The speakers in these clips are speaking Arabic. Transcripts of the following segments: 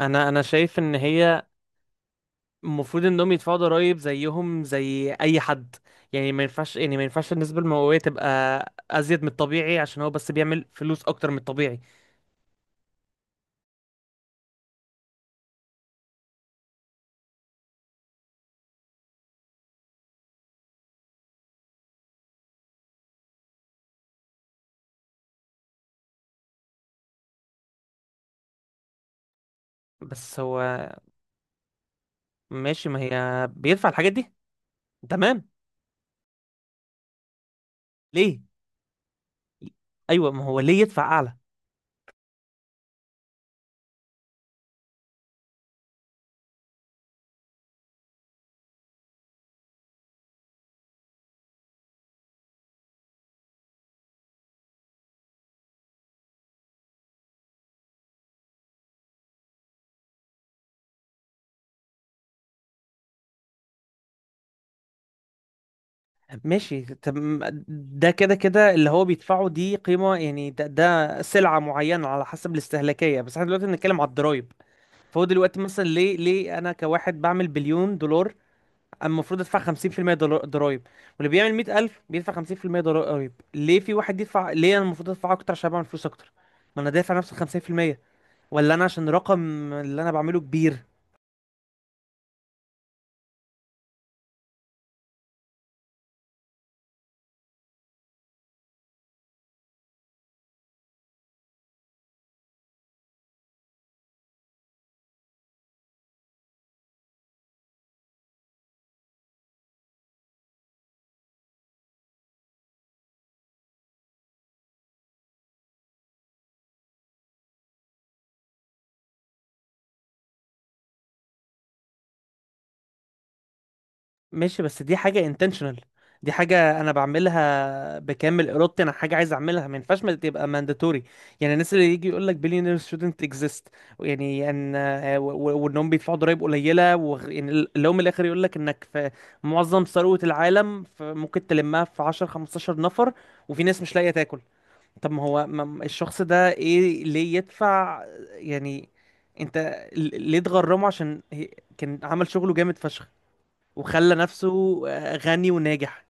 انا شايف ان هي المفروض انهم يدفعوا ضرائب زيهم زي اي حد. يعني ما ينفعش، ما ينفعش النسبه المئويه تبقى ازيد من الطبيعي عشان هو بس بيعمل فلوس اكتر من الطبيعي. بس هو ماشي، ما هي بيدفع الحاجات دي. تمام. ليه؟ ايوه، ما هو ليه يدفع اعلى؟ ماشي، تم. ده كده كده اللي هو بيدفعه دي قيمه، يعني ده, ده سلعه معينه على حسب الاستهلاكيه، بس احنا دلوقتي بنتكلم على الضرايب. فهو دلوقتي مثلا ليه، ليه انا كواحد بعمل 1,000,000,000 دولار اما المفروض ادفع 50% ضرايب، واللي بيعمل 100,000 بيدفع 50% ضرايب؟ ليه في واحد يدفع؟ ليه انا المفروض ادفع اكتر عشان بعمل فلوس اكتر؟ ما انا دافع نفس ال 50%، ولا انا عشان الرقم اللي انا بعمله كبير؟ ماشي، بس دي حاجة intentional. دي حاجة أنا بعملها بكامل إرادتي، أنا حاجة عايز أعملها، ما ينفعش ما تبقى mandatory. يعني الناس اللي يجي يقول لك billionaires shouldn't exist، يعني أن وإنهم بيدفعوا ضرايب قليلة يعني اللي هو من الآخر يقول لك إنك في معظم ثروة العالم ممكن تلمها في 10 15 نفر، وفي ناس مش لاقية تاكل. طب ما هو الشخص ده إيه، ليه يدفع؟ يعني أنت ليه تغرمه؟ عشان كان عمل شغله جامد فشخ وخلى نفسه غني وناجح.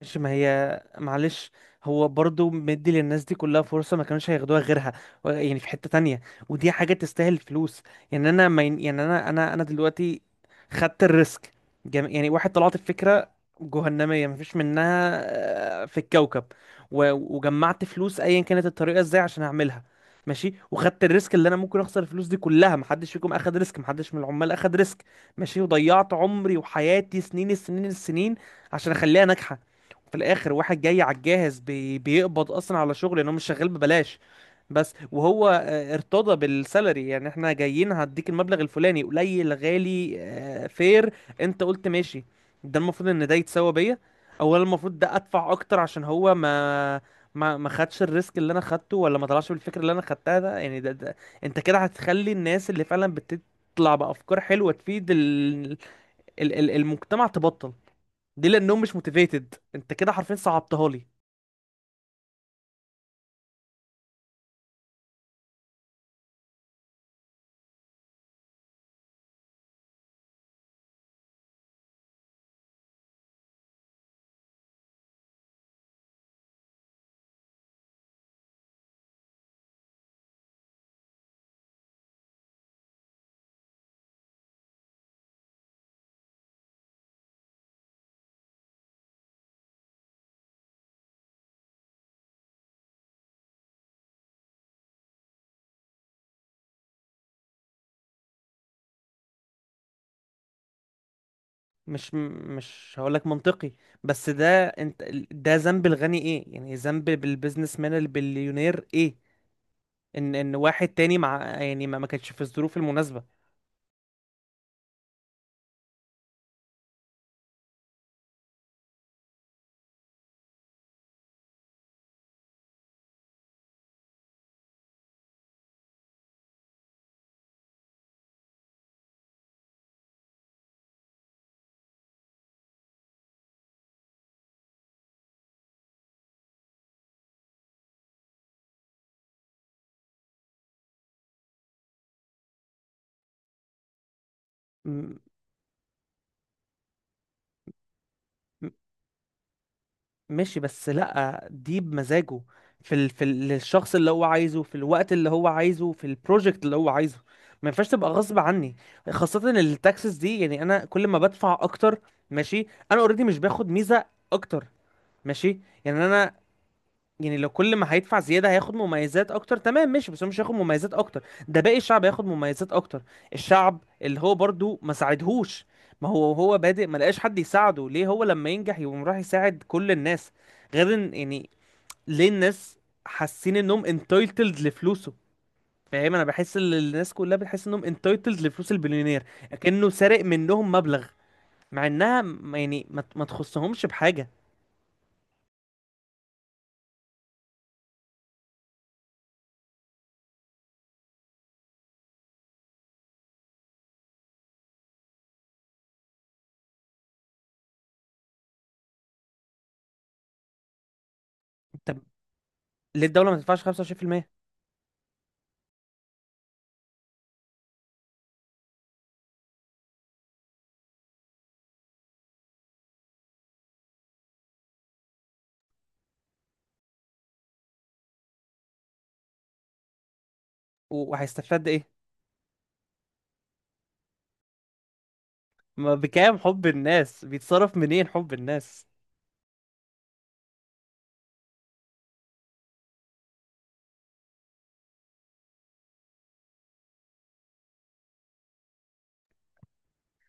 مش، ما هي معلش، هو برضو مدي للناس دي كلها فرصة ما كانوش هياخدوها غيرها. يعني في حتة تانية، ودي حاجة تستاهل فلوس. يعني انا ما ين- يعني انا دلوقتي خدت الريسك. يعني واحد طلعت الفكرة جهنمية مفيش منها في الكوكب، و- وجمعت فلوس ايا كانت الطريقة ازاي عشان اعملها. ماشي، وخدت الريسك اللي انا ممكن اخسر الفلوس دي كلها. محدش فيكم اخد ريسك، محدش من العمال اخد ريسك. ماشي، وضيعت عمري وحياتي سنين السنين عشان اخليها ناجحة. في الاخر واحد جاي على الجاهز بيقبض اصلا على شغل لان هو مش شغال ببلاش بس. وهو ارتضى بالسالري، يعني احنا جايين هديك المبلغ الفلاني قليل، غالي، فير. انت قلت ماشي. ده المفروض ان ده يتساوى بيا. اولا المفروض ده ادفع اكتر عشان هو ما خدش الريسك اللي انا خدته، ولا ما طلعش بالفكره اللي انا خدتها. ده يعني ده, ده انت كده هتخلي الناس اللي فعلا بتطلع بافكار حلوه تفيد المجتمع تبطل دي، لانهم مش موتيفيتد. انت كده حرفيا صعبتها لي. مش مش هقولك منطقي، بس ده انت. ده ذنب الغني ايه؟ يعني ذنب بالبيزنس مان البليونير ايه؟ ان واحد تاني مع، يعني ما كانش في الظروف المناسبة. م- م- ماشي، بس لا دي بمزاجه، في للشخص اللي هو عايزه، في الوقت اللي هو عايزه، في البروجكت اللي هو عايزه. ما ينفعش تبقى غصب عني، خاصة إن التاكسس دي، يعني انا كل ما بدفع اكتر، ماشي انا اوريدي مش باخد ميزة اكتر. ماشي. يعني انا، يعني لو كل ما هيدفع زياده هياخد مميزات اكتر، تمام ماشي. بس هو مش هياخد مميزات اكتر، ده باقي الشعب هياخد مميزات اكتر، الشعب اللي هو برضو ما ساعدهوش. ما هو هو بادئ ما لقاش حد يساعده، ليه هو لما ينجح يقوم راح يساعد كل الناس؟ غير ان يعني ليه الناس حاسين انهم انتايتلد لفلوسه؟ فاهم؟ انا بحس ان الناس كلها بتحس انهم انتايتلد لفلوس البليونير، كأنه سارق منهم مبلغ، مع انها يعني ما تخصهمش بحاجه. طب ليه الدوله ما تدفعش 25%؟ وهيستفاد ايه؟ ما بكام حب الناس؟ بيتصرف منين حب الناس؟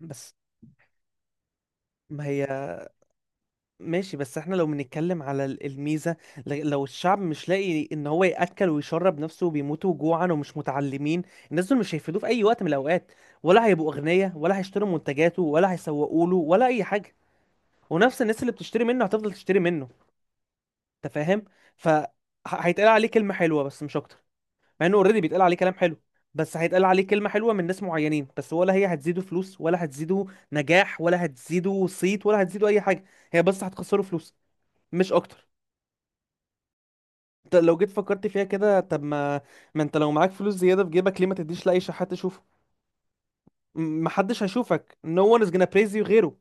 بس ما هي، ماشي بس احنا لو بنتكلم على الميزة، لو الشعب مش لاقي ان هو يأكل ويشرب نفسه وبيموتوا جوعا ومش متعلمين، الناس دول مش هيفيدوه في اي وقت من الاوقات، ولا هيبقوا اغنياء، ولا هيشتروا منتجاته، ولا هيسوقوا له، ولا اي حاجة. ونفس الناس اللي بتشتري منه هتفضل تشتري منه، انت فاهم؟ فهيتقال عليه كلمة حلوة بس، مش اكتر، مع انه اوريدي بيتقال عليه كلام حلو. بس هيتقال عليه كلمة حلوة من ناس معينين بس، ولا هي هتزيده فلوس، ولا هتزيده نجاح، ولا هتزيده صيت، ولا هتزيده اي حاجة. هي بس هتخسره فلوس، مش اكتر. انت لو جيت فكرت فيها كده، طب ما، ما انت لو معاك فلوس زيادة في جيبك ليه ما تديش لاي شحات تشوفه؟ محدش هيشوفك no one is gonna praise you غيره.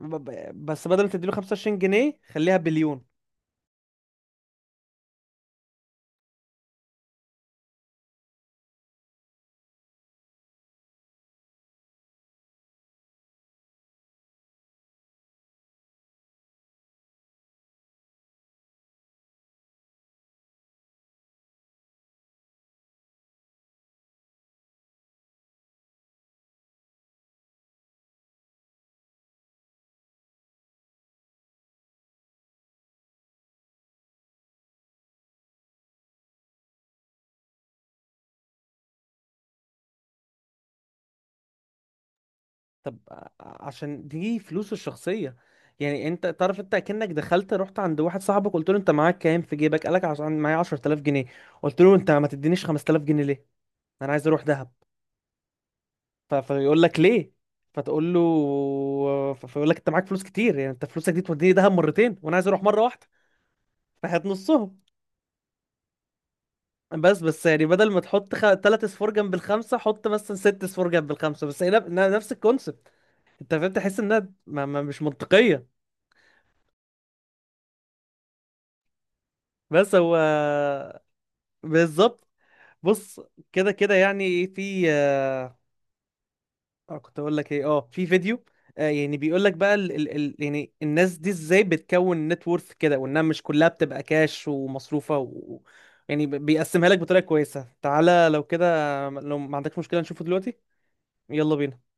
بس بدل ما تديله 25 جنيه، خليها بليون. طب عشان دي فلوسه الشخصية. يعني انت تعرف، انت كأنك دخلت رحت عند واحد صاحبك قلت له انت معاك كام في جيبك، قالك عشان معايا 10,000 جنيه، قلت له انت ما تدينيش 5000 جنيه ليه؟ انا عايز اروح دهب. فيقول لك ليه، فتقول له، فيقول لك انت معاك فلوس كتير، يعني انت فلوسك دي توديني دهب مرتين وانا عايز اروح مرة واحدة، فهات نصهم. بس يعني بدل ما تحط تلات اصفار جنب الخمسة، حط مثلا ست اصفار جنب الخمسة، بس هي نفس الكونسبت. انت فاهم؟ تحس انها ما... ما مش منطقية. بس هو بالظبط. بص، كده كده يعني في كنت اقول لك ايه، اه في فيديو يعني بيقول لك بقى ال ال ال يعني الناس دي ازاي بتكون نت وورث كده، وانها مش كلها بتبقى كاش ومصروفه يعني بيقسمها لك بطريقه كويسه. تعالى لو كده، لو ما عندكش مشكله نشوفه دلوقتي. يلا بينا.